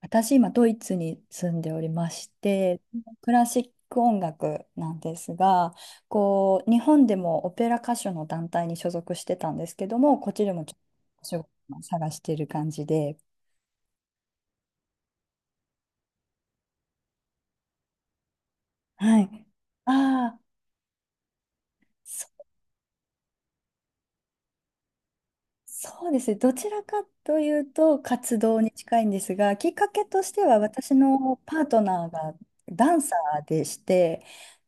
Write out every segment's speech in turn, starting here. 私、今、ドイツに住んでおりまして、クラシック音楽なんですが、こう、日本でもオペラ歌手の団体に所属してたんですけども、こっちでもちょっとお仕事を探している感じで。はい。ああ、そ、そうですね。どちらかというと活動に近いんですが、きっかけとしては私のパートナーがダンサーでして、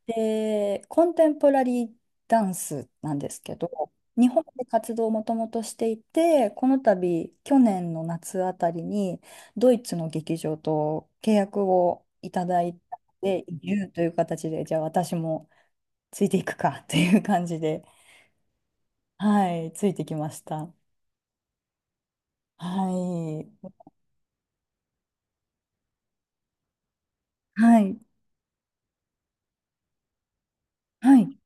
で、コンテンポラリーダンスなんですけど、日本で活動をもともとしていて、この度、去年の夏あたりに、ドイツの劇場と契約をいただいたので、移住という形で、じゃあ私もついていくかという感じで、はい、ついてきました。はい。はい。はい。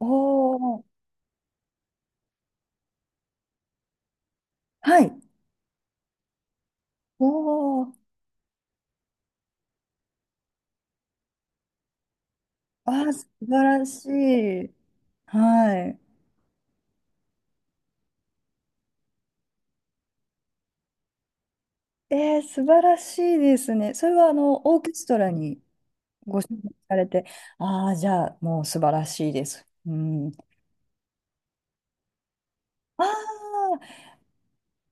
おー。はい。おー。あー、素晴らしい。はい。えー、素晴らしいですね。それはあのオーケストラにご出演されて、ああ、じゃあもう素晴らしいです。うん。ああ、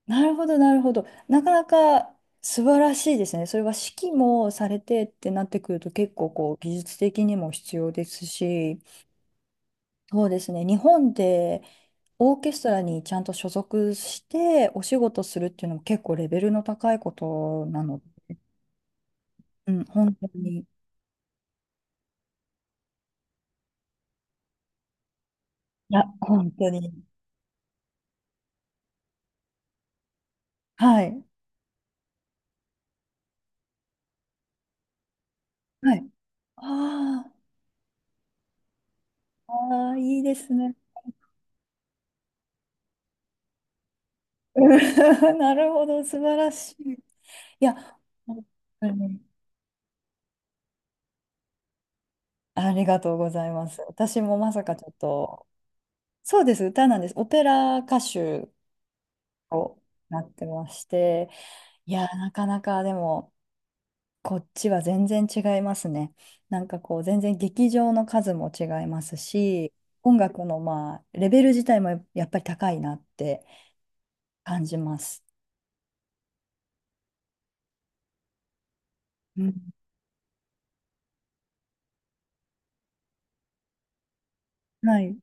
なるほど、なるほど。なかなか素晴らしいですね。それは指揮もされてってなってくると結構こう技術的にも必要ですし、そうですね。日本でオーケストラにちゃんと所属してお仕事するっていうのも結構レベルの高いことなの。うん、本当に。いや、本当に。はい。はい、あー。あー、あいいですね。うん。 なるほど、素晴らしい。いや、本当にありがとうございます。私もまさかちょっと、そうです、歌なんです。オペラ歌手をなってまして、いや、なかなかでも、こっちは全然違いますね。なんかこう、全然劇場の数も違いますし、音楽のまあ、レベル自体もやっぱり高いなって感じます。うん、はい。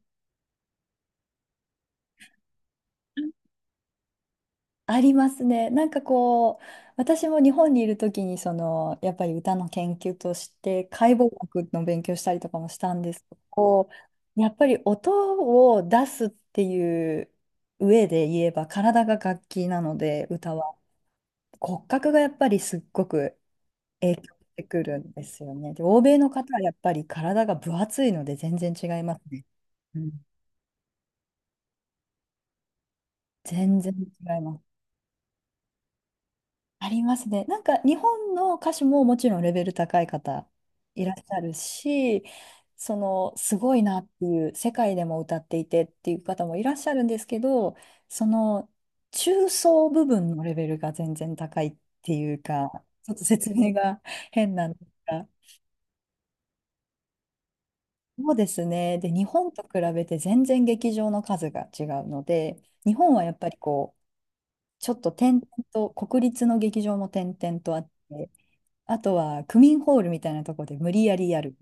ありますね。なんかこう、私も日本にいる時に、その、やっぱり歌の研究として、解剖学の勉強したりとかもしたんですけど、こうやっぱり音を出すっていう上で言えば、体が楽器なので、歌は。骨格がやっぱりすっごく影響してくるんですよね。で、欧米の方はやっぱり体が分厚いので全然違いますね。うん、全然違います。ありますね。なんか日本の歌手ももちろんレベル高い方いらっしゃるし、そのすごいなっていう世界でも歌っていてっていう方もいらっしゃるんですけど、その中層部分のレベルが全然高いっていうか、ちょっと説明が変なんですが、そうですね。で、日本と比べて全然劇場の数が違うので、日本はやっぱりこう、ちょっと点々と、国立の劇場も点々とあって、あとは区民ホールみたいなとこで無理やりやる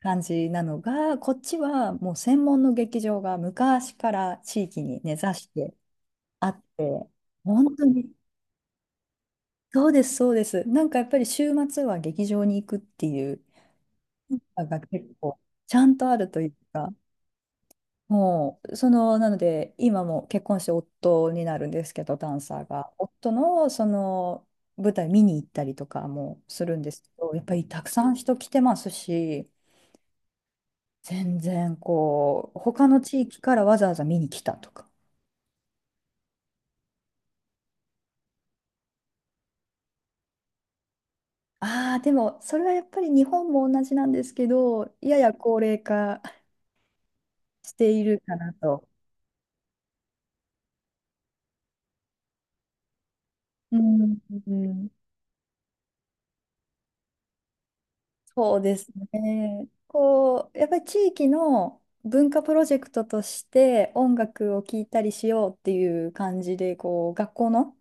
感じなのが、こっちはもう専門の劇場が昔から地域に根ざしてあって、本当に、そうです。なんかやっぱり週末は劇場に行くっていうのが結構ちゃんとあるというか、もう、その、なので、今も結婚して夫になるんですけど、ダンサーが。夫の、その、舞台見に行ったりとかもするんですけど、やっぱりたくさん人来てますし、全然こう、他の地域からわざわざ見に来たとか。ああ、でもそれはやっぱり日本も同じなんですけど、やや高齢化しているかなと。うん、うん、そうですね。こう、やっぱり地域の文化プロジェクトとして音楽を聴いたりしようっていう感じで、こう、学校の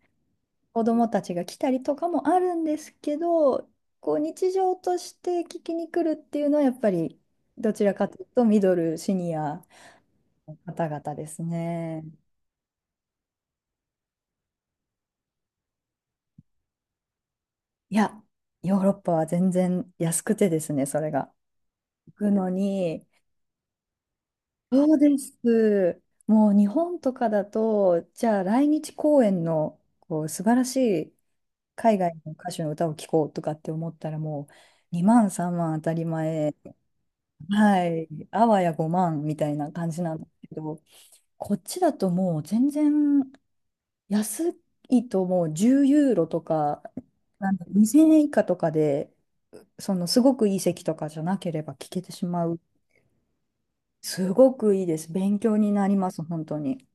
子供たちが来たりとかもあるんですけど、こう日常として聞きに来るっていうのはやっぱりどちらかというとミドル、シニアの方々ですね。いや、ヨーロッパは全然安くてですね、それが。行くのに、そうです。もう日本とかだと、じゃあ来日公演のこう素晴らしい海外の歌手の歌を聴こうとかって思ったらもう2万3万当たり前。はい、あわや5万みたいな感じなんですけど、こっちだともう全然安いともう10ユーロとか、なん2000円以下とかで、そのすごくいい席とかじゃなければ聞けてしまう。すごくいいです。勉強になります、本当に。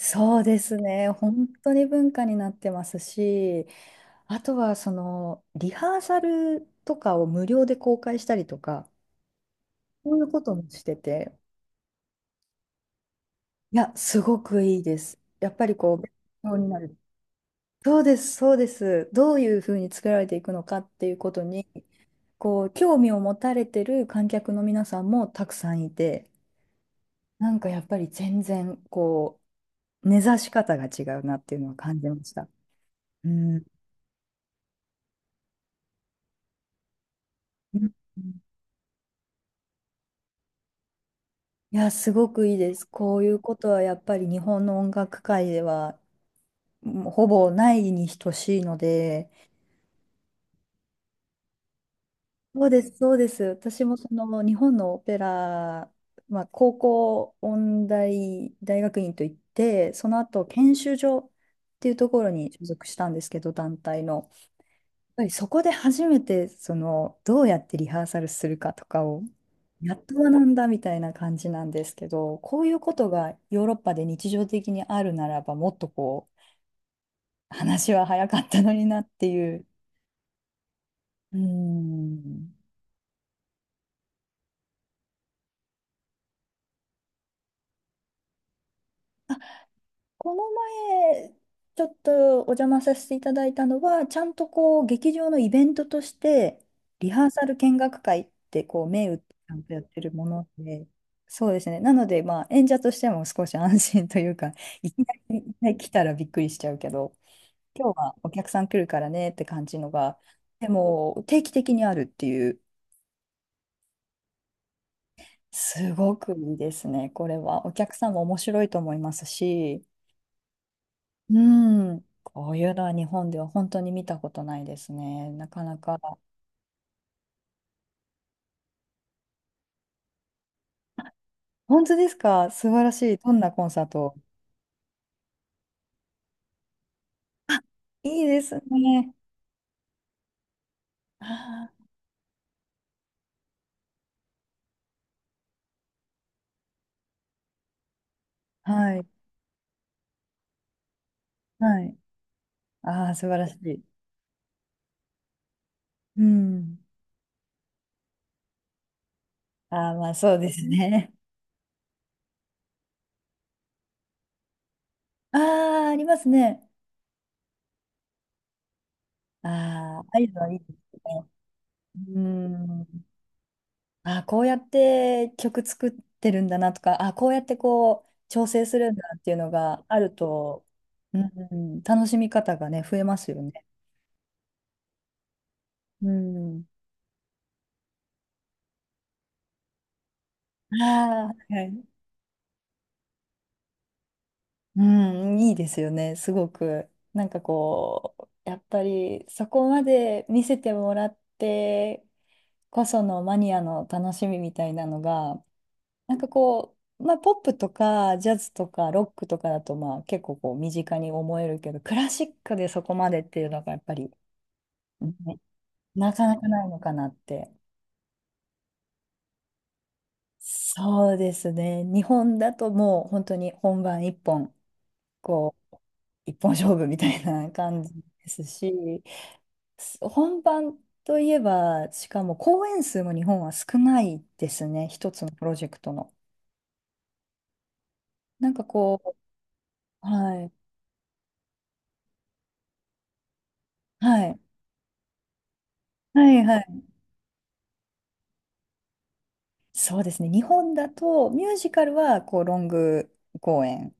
そうですね。本当に文化になってますし、あとはそのリハーサルとかを無料で公開したりとか、そういうこともしてて、いや、すごくいいです。やっぱりこう、勉強になる。そうです。どういうふうに作られていくのかっていうことに、こう、興味を持たれてる観客の皆さんもたくさんいて、なんかやっぱり全然、こう、根ざし方が違うなっていうのは感じました。うん。うん、いや、すごくいいです。こういうことはやっぱり日本の音楽界では、もうほぼないに等しいので、そうです。私もその日本のオペラ、まあ、高校音大大学院といって、その後研修所っていうところに所属したんですけど、団体の。やっぱりそこで初めてそのどうやってリハーサルするかとかをやっと学んだみたいな感じなんですけど、こういうことがヨーロッパで日常的にあるならば、もっとこう話は早かったのになっていう。うん、この前、ちょっとお邪魔させていただいたのは、ちゃんとこう、劇場のイベントとして、リハーサル見学会って、こう、銘打ってちゃんとやってるもので、そうですね。なので、まあ、演者としても少し安心というか、いきなり来たらびっくりしちゃうけど、今日はお客さん来るからねって感じのが、でも、定期的にあるっていう、すごくいいですね。これは、お客さんも面白いと思いますし、うん。こういうのは日本では本当に見たことないですね。なかなか。本当ですか、素晴らしい。どんなコンサート。あ、いいですね。あー、はい。はい。ああ、素晴らしい。うん。ああ、まあそうですね。ああ、ありますね。ああ、ああいうのはいいですね。うん。あ、こうやって曲作ってるんだなとか、あ、こうやってこう調整するんだっていうのがあると、うん、うん、楽しみ方がね、増えますよね。うん。ああ、はい。うん、いいですよね、すごく。なんかこう、やっぱりそこまで見せてもらってこそのマニアの楽しみみたいなのが、なんかこう、まあ、ポップとかジャズとかロックとかだとまあ結構こう身近に思えるけどクラシックでそこまでっていうのがやっぱり、ね、なかなかないのかなって。そうですね、日本だともう本当に本番一本、こう一本勝負みたいな感じですし、本番といえばしかも公演数も日本は少ないですね、一つのプロジェクトの。なんかこう、はい、はい、はい、はい。そうですね。日本だとミュージカルはこうロング公演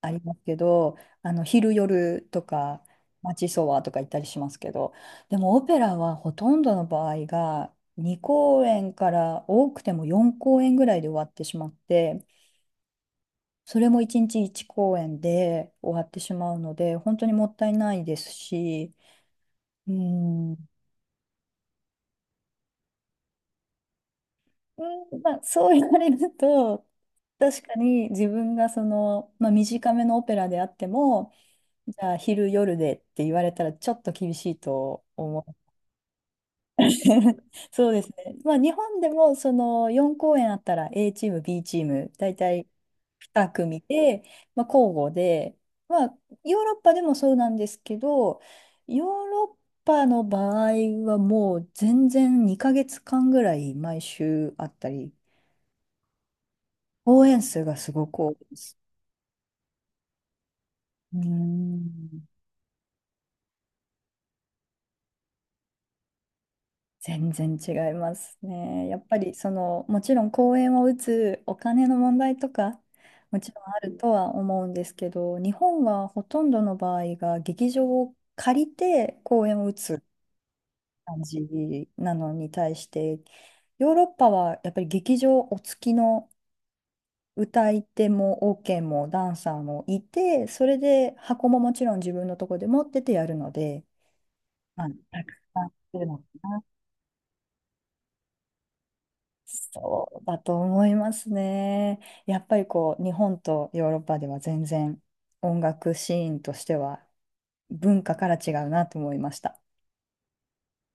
ありますけど、あの昼夜とか街ソワとか行ったりしますけど、でもオペラはほとんどの場合が2公演から多くても4公演ぐらいで終わってしまって、それも1日1公演で終わってしまうので、本当にもったいないですし、うん、うん、まあ、そう言われると、確かに自分がその、まあ、短めのオペラであっても、じゃあ昼夜でって言われたらちょっと厳しいと思う。そうですね。まあ、日本でもその4公演あったら A チーム、B チーム、大体2組で、まあ、交互で、まあ、ヨーロッパでもそうなんですけど、ヨーロッパの場合はもう全然2ヶ月間ぐらい毎週あったり。応援数がすごく多いです。うーん、全然違いますね。やっぱりその、もちろん公演を打つお金の問題とか、もちろんあるとは思うんですけど、日本はほとんどの場合が劇場を借りて公演を打つ感じなのに対して、ヨーロッパはやっぱり劇場お付きの歌い手もオーケーもダンサーもいて、それで箱ももちろん自分のとこで持っててやるので、まあ、たくさんするのかな。そうだと思いますね。やっぱりこう日本とヨーロッパでは全然音楽シーンとしては文化から違うなと思いました。